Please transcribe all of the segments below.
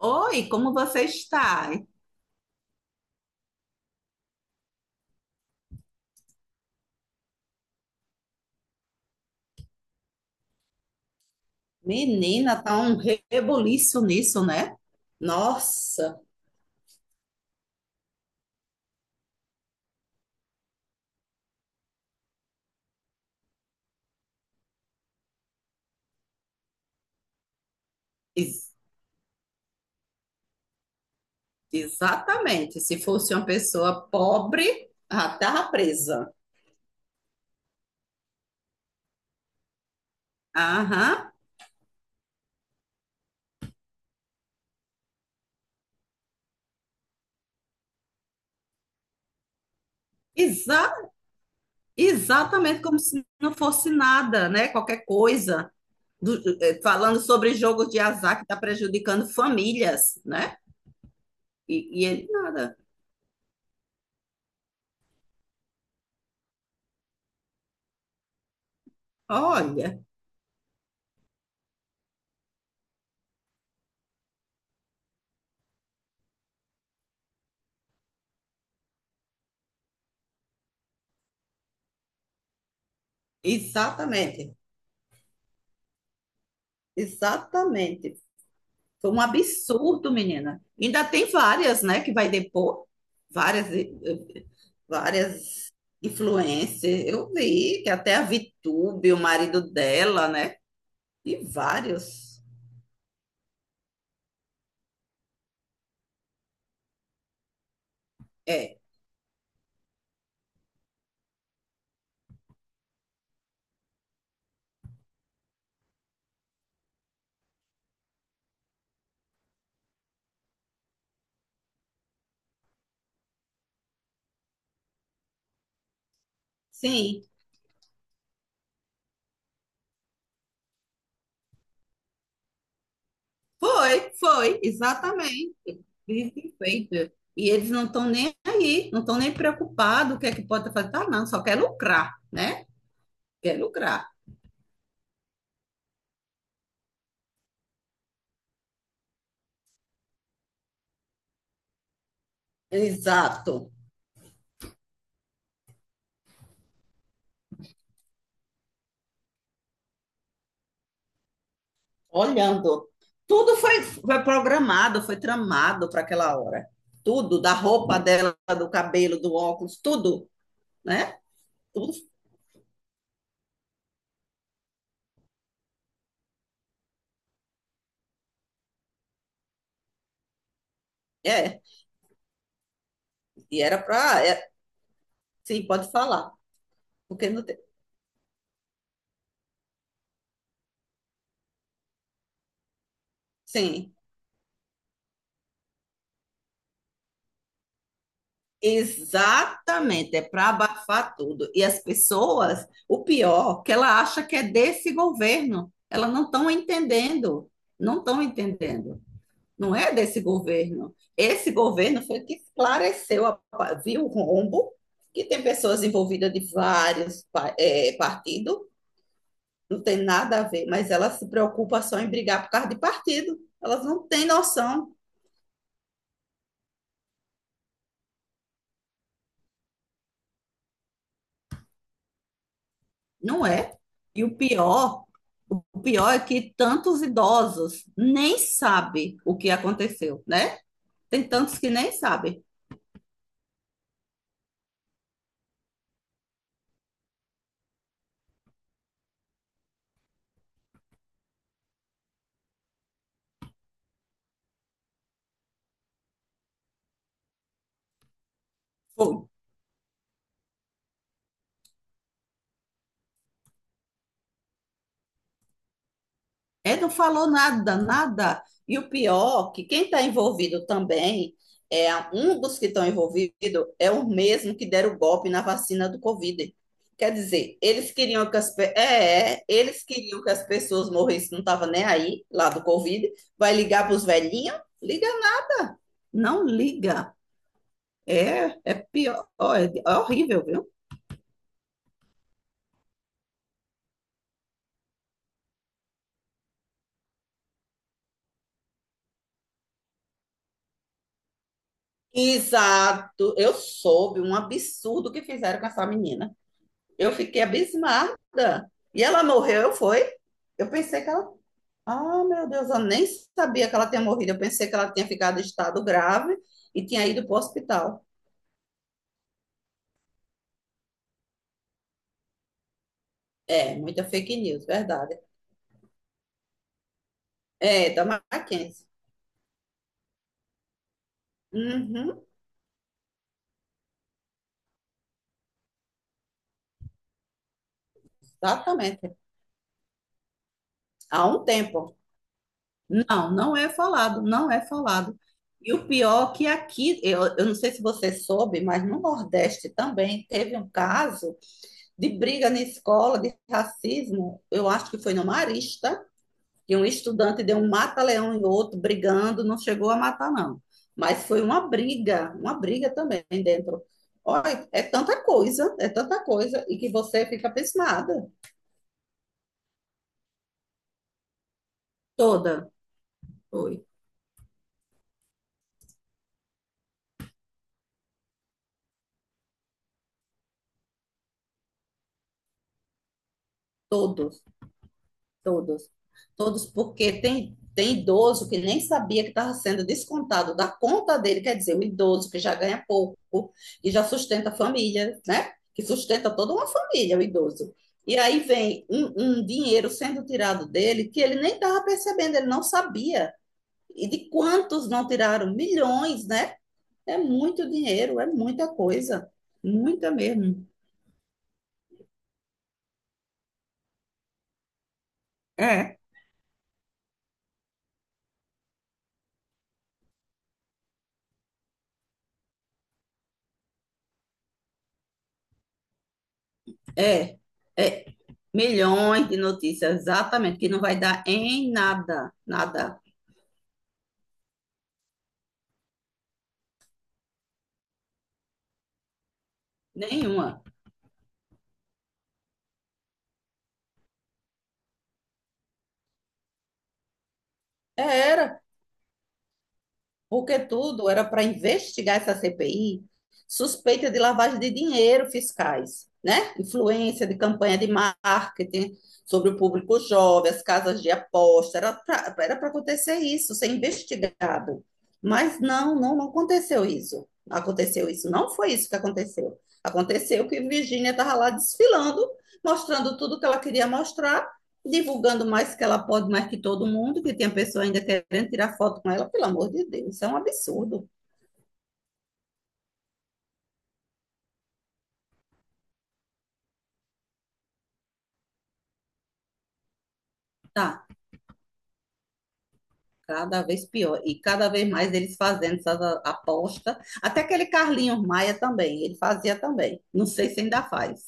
Oi, como você está? Menina, tá um rebuliço nisso, né? Nossa, ex- exatamente. Se fosse uma pessoa pobre, já tava presa. Aham, exa exatamente, como se não fosse nada, né? Qualquer coisa. Falando sobre jogo de azar que está prejudicando famílias, né? E ele nada. Olha, exatamente, exatamente. Foi um absurdo, menina. Ainda tem várias, né, que vai depor. Várias, eh, várias influencers. Eu vi que até a ViTube, o marido dela, né? E vários. É, sim. Exatamente. Vive feito. E eles não estão nem aí, não estão nem preocupados o que é que pode fazer. Tá, não, só quer lucrar, né? Quer lucrar. Exato. Olhando. Tudo foi programado, foi tramado para aquela hora. Tudo, da roupa dela, do cabelo, do óculos, tudo, né? Tudo. É. E era para. É, sim, pode falar. Porque não tem. Sim. Exatamente, é para abafar tudo. E as pessoas, o pior, que ela acha que é desse governo. Elas não estão entendendo, não estão entendendo. Não é desse governo. Esse governo foi que esclareceu, viu o rombo, que tem pessoas envolvidas de vários partidos, não tem nada a ver, mas elas se preocupam só em brigar por causa de partido. Elas não têm noção, não é? E o pior é que tantos idosos nem sabem o que aconteceu, né? Tem tantos que nem sabem. Foi. É, não falou nada, nada. E o pior, que quem está envolvido também, é um dos que estão envolvidos é o mesmo que deram o golpe na vacina do Covid. Quer dizer, eles queriam que as, pe- é, é, eles queriam que as pessoas morressem, não estava nem aí, lá do Covid. Vai ligar para os velhinhos? Liga não, não liga. É, é pior, ó, é, é horrível, viu? Exato, eu soube um absurdo que fizeram com essa menina. Eu fiquei abismada. E ela morreu, foi? Eu pensei que ela. Ah, meu Deus, eu nem sabia que ela tinha morrido. Eu pensei que ela tinha ficado em estado grave e tinha ido para o hospital. É, muita fake news, verdade. É, da Mackenzie. Uhum, exatamente. Há um tempo. Não, não é falado, não é falado. E o pior é que aqui, eu não sei se você soube, mas no Nordeste também teve um caso de briga na escola, de racismo. Eu acho que foi no Marista, que um estudante deu um mata-leão em outro, brigando, não chegou a matar, não. Mas foi uma briga também dentro. Olha, é tanta coisa, e que você fica abismada. Toda, foi, todos. Todos. Todos, porque tem, tem idoso que nem sabia que estava sendo descontado da conta dele, quer dizer, o idoso que já ganha pouco e já sustenta a família, né? Que sustenta toda uma família, o idoso. E aí vem um dinheiro sendo tirado dele que ele nem estava percebendo, ele não sabia. E de quantos não tiraram? Milhões, né? É muito dinheiro, é muita coisa. Muita mesmo. É, é. É, milhões de notícias, exatamente, que não vai dar em nada, nada, nenhuma. É, era. Porque tudo era para investigar essa CPI, suspeita de lavagem de dinheiro fiscais, né? Influência de campanha de marketing sobre o público jovem, as casas de aposta, era para acontecer isso, ser investigado. Mas não, não, não aconteceu isso. Aconteceu isso, não foi isso que aconteceu. Aconteceu que Virginia estava lá desfilando, mostrando tudo que ela queria mostrar, divulgando mais que ela pode, mais que todo mundo, que tem a pessoa ainda querendo tirar foto com ela, pelo amor de Deus, isso é um absurdo. Tá cada vez pior. E cada vez mais eles fazendo essas apostas. Até aquele Carlinhos Maia também, ele fazia também. Não sei se ainda faz.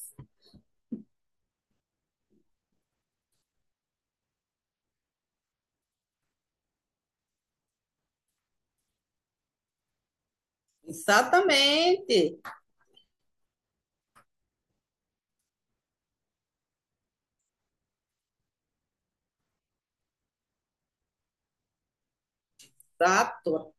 Exatamente. Exato.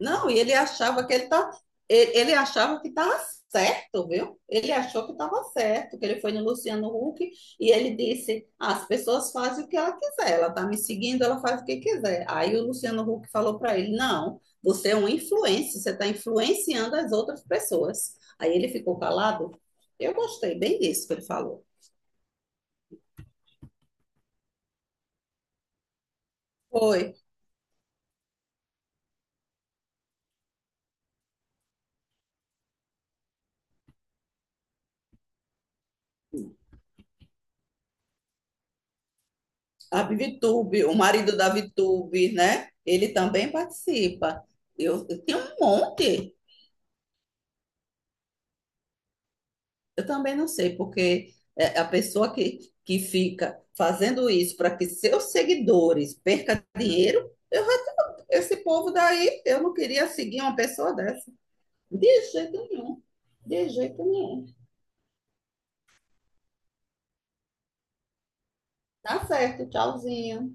Não, e ele achava que ele tá, ele achava que estava certo, viu? Ele achou que estava certo, que ele foi no Luciano Huck e ele disse: "Ah, as pessoas fazem o que ela quiser, ela está me seguindo, ela faz o que quiser." Aí o Luciano Huck falou para ele: não, você é um influencer, você está influenciando as outras pessoas. Aí ele ficou calado. Eu gostei bem disso que ele falou. Foi a Vitube, o marido da Vitube, né? Ele também participa. Eu tenho um monte. Eu também não sei, porque é, a pessoa que fica fazendo isso para que seus seguidores percam dinheiro, eu já- esse povo daí, eu não queria seguir uma pessoa dessa. De jeito nenhum. De jeito nenhum. Tá certo, tchauzinho.